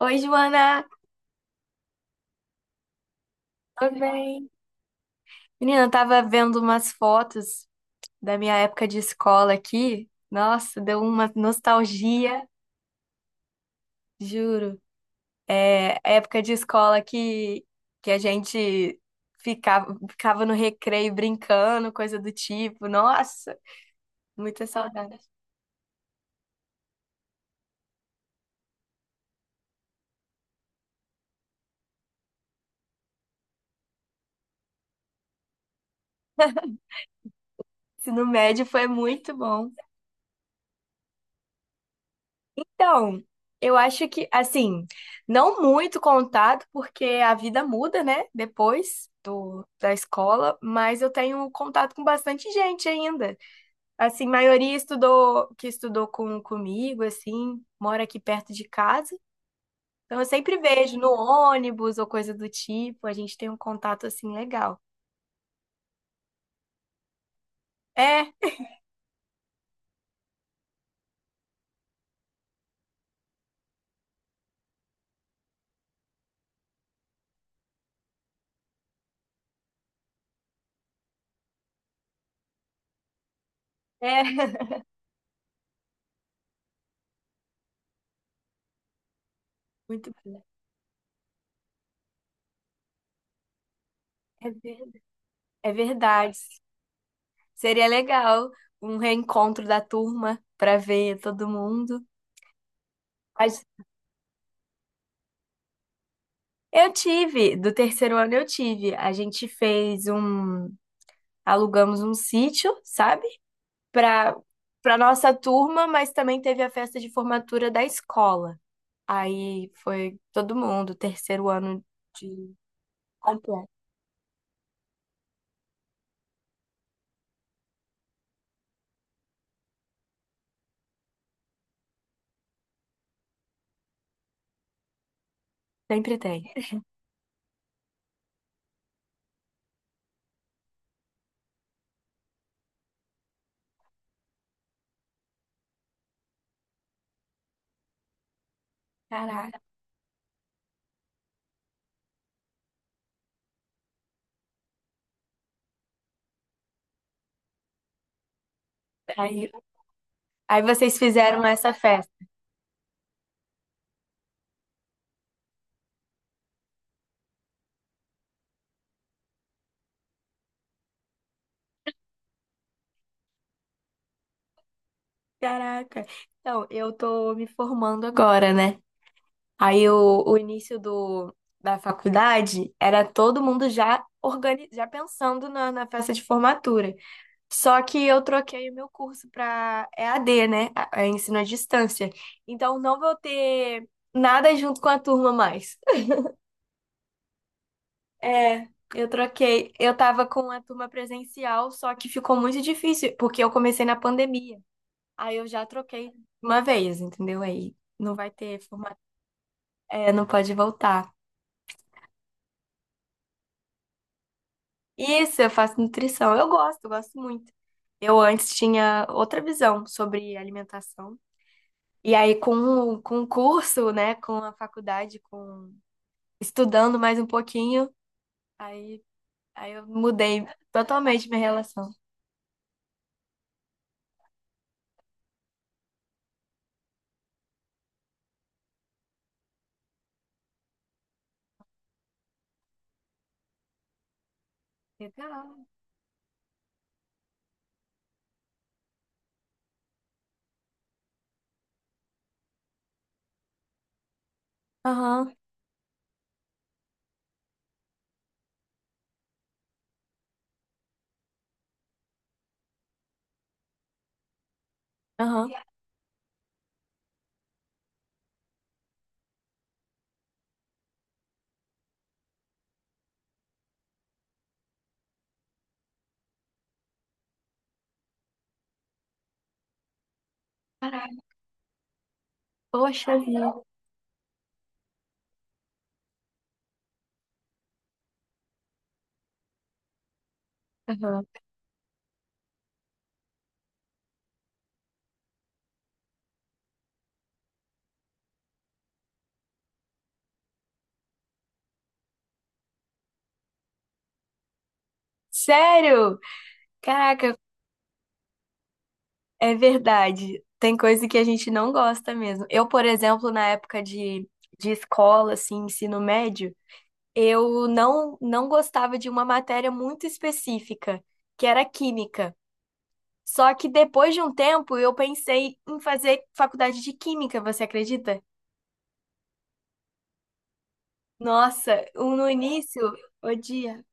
Oi, Joana, tudo bem? Menina, eu tava vendo umas fotos da minha época de escola aqui. Nossa, deu uma nostalgia, juro. Época de escola que a gente ficava no recreio brincando, coisa do tipo. Nossa, muita saudade. Ensino médio foi muito bom. Então, eu acho que, assim, não muito contato, porque a vida muda, né? Depois da escola, mas eu tenho contato com bastante gente ainda. Assim, maioria estudou, que estudou comigo, assim, mora aqui perto de casa. Então, eu sempre vejo no ônibus ou coisa do tipo, a gente tem um contato, assim, legal. É, é, muito bom. É verdade. É verdade. Seria legal um reencontro da turma para ver todo mundo. Mas eu tive, do terceiro ano eu tive. A gente fez um, alugamos um sítio, sabe? Para Para nossa turma, mas também teve a festa de formatura da escola. Aí foi todo mundo, terceiro ano de completo. Sempre tem. Caraca. Aí, aí vocês fizeram essa festa. Caraca. Então, eu tô me formando agora, né? Aí o início do, da faculdade era todo mundo já organi já pensando na festa de formatura. Só que eu troquei o meu curso para EAD, né? A- é ensino à distância. Então não vou ter nada junto com a turma mais. É, eu troquei. Eu tava com a turma presencial, só que ficou muito difícil, porque eu comecei na pandemia. Aí eu já troquei uma vez, entendeu? Aí não vai ter formato. É, não pode voltar. Isso, eu faço nutrição. Eu gosto muito. Eu antes tinha outra visão sobre alimentação. E aí, com o curso, né, com a faculdade, com estudando mais um pouquinho, aí, aí eu mudei totalmente minha relação. Legal. Aham, aham. Caraca, poxa vida. Aham. Sério? Caraca, é verdade. Tem coisa que a gente não gosta mesmo. Eu, por exemplo, na época de escola, assim, ensino médio, eu não gostava de uma matéria muito específica, que era química. Só que depois de um tempo eu pensei em fazer faculdade de química, você acredita? Nossa, o- no início, odia.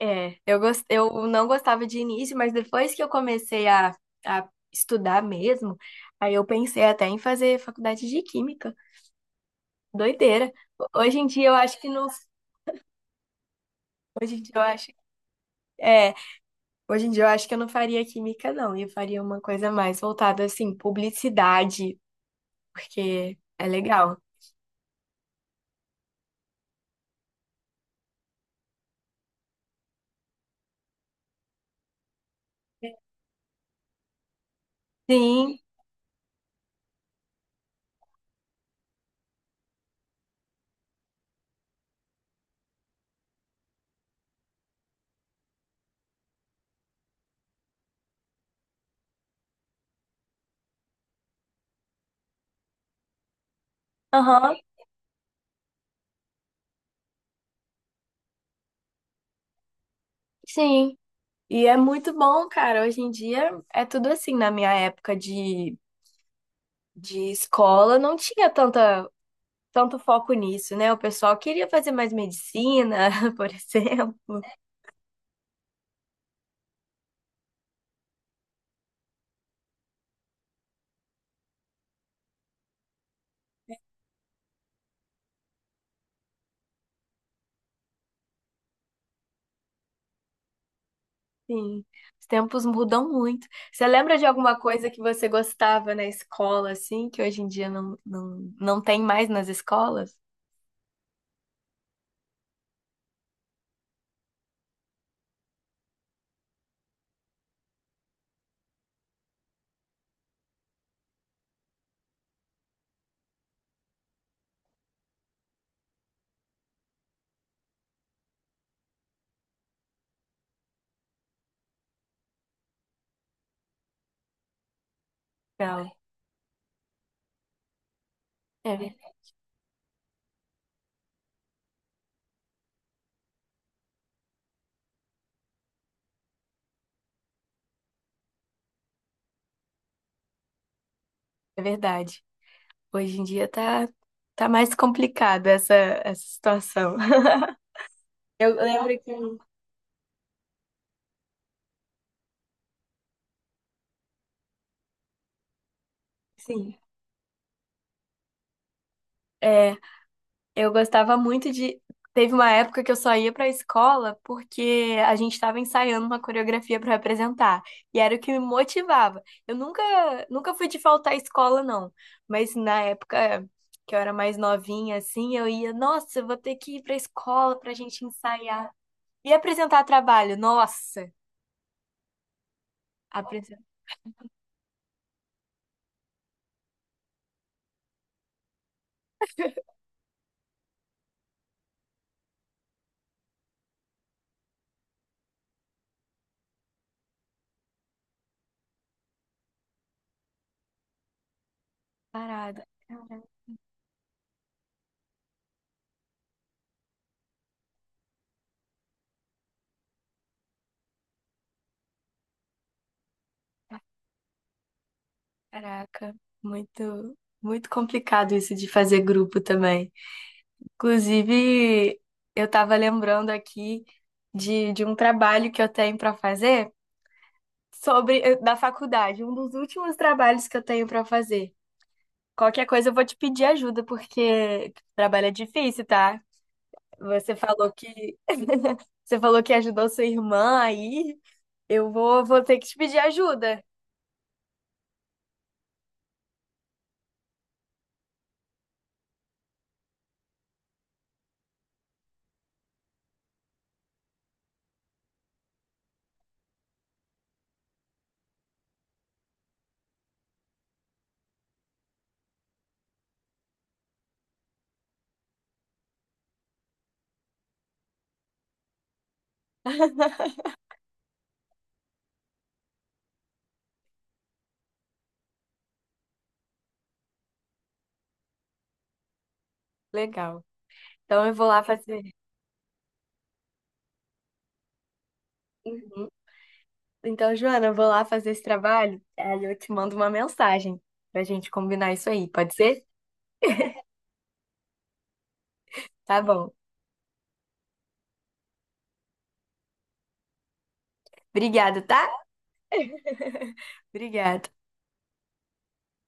É, eu gos- eu não gostava de início, mas depois que eu comecei a estudar mesmo, aí eu pensei até em fazer faculdade de química. Doideira. Hoje em dia eu acho que não, hoje em dia eu acho é hoje em dia eu acho que eu não faria química, não. Eu faria uma coisa mais voltada, assim, publicidade, porque é legal. Sim, aham, sim. E é muito bom, cara. Hoje em dia é tudo assim. Na minha época de escola, não tinha tanto foco nisso, né? O pessoal queria fazer mais medicina, por exemplo. Sim, os tempos mudam muito. Você lembra de alguma coisa que você gostava na escola, assim, que hoje em dia não tem mais nas escolas? Legal. É, é verdade. Hoje em tá mais complicada essa situação. Eu lembro que, sim, é, eu gostava muito de. Teve uma época que eu só ia pra escola porque a gente tava ensaiando uma coreografia pra apresentar. E era o que me motivava. Eu nunca, nunca fui de faltar à escola, não. Mas na época que eu era mais novinha, assim, eu ia, nossa, eu vou ter que ir pra escola pra gente ensaiar. E apresentar trabalho, nossa! Parada, caraca, muito, muito complicado isso de fazer grupo também. Inclusive, eu tava lembrando aqui de um trabalho que eu tenho para fazer sobre da faculdade, um dos últimos trabalhos que eu tenho para fazer. Qualquer coisa eu vou te pedir ajuda, porque o trabalho é difícil, tá? Você falou que você falou que ajudou sua irmã aí. Eu vou ter que te pedir ajuda. Legal. Então eu vou lá fazer. Uhum. Então, Joana, eu vou lá fazer esse trabalho, aí eu te mando uma mensagem pra gente combinar isso aí, pode ser? Tá bom. Obrigada, tá? Obrigada.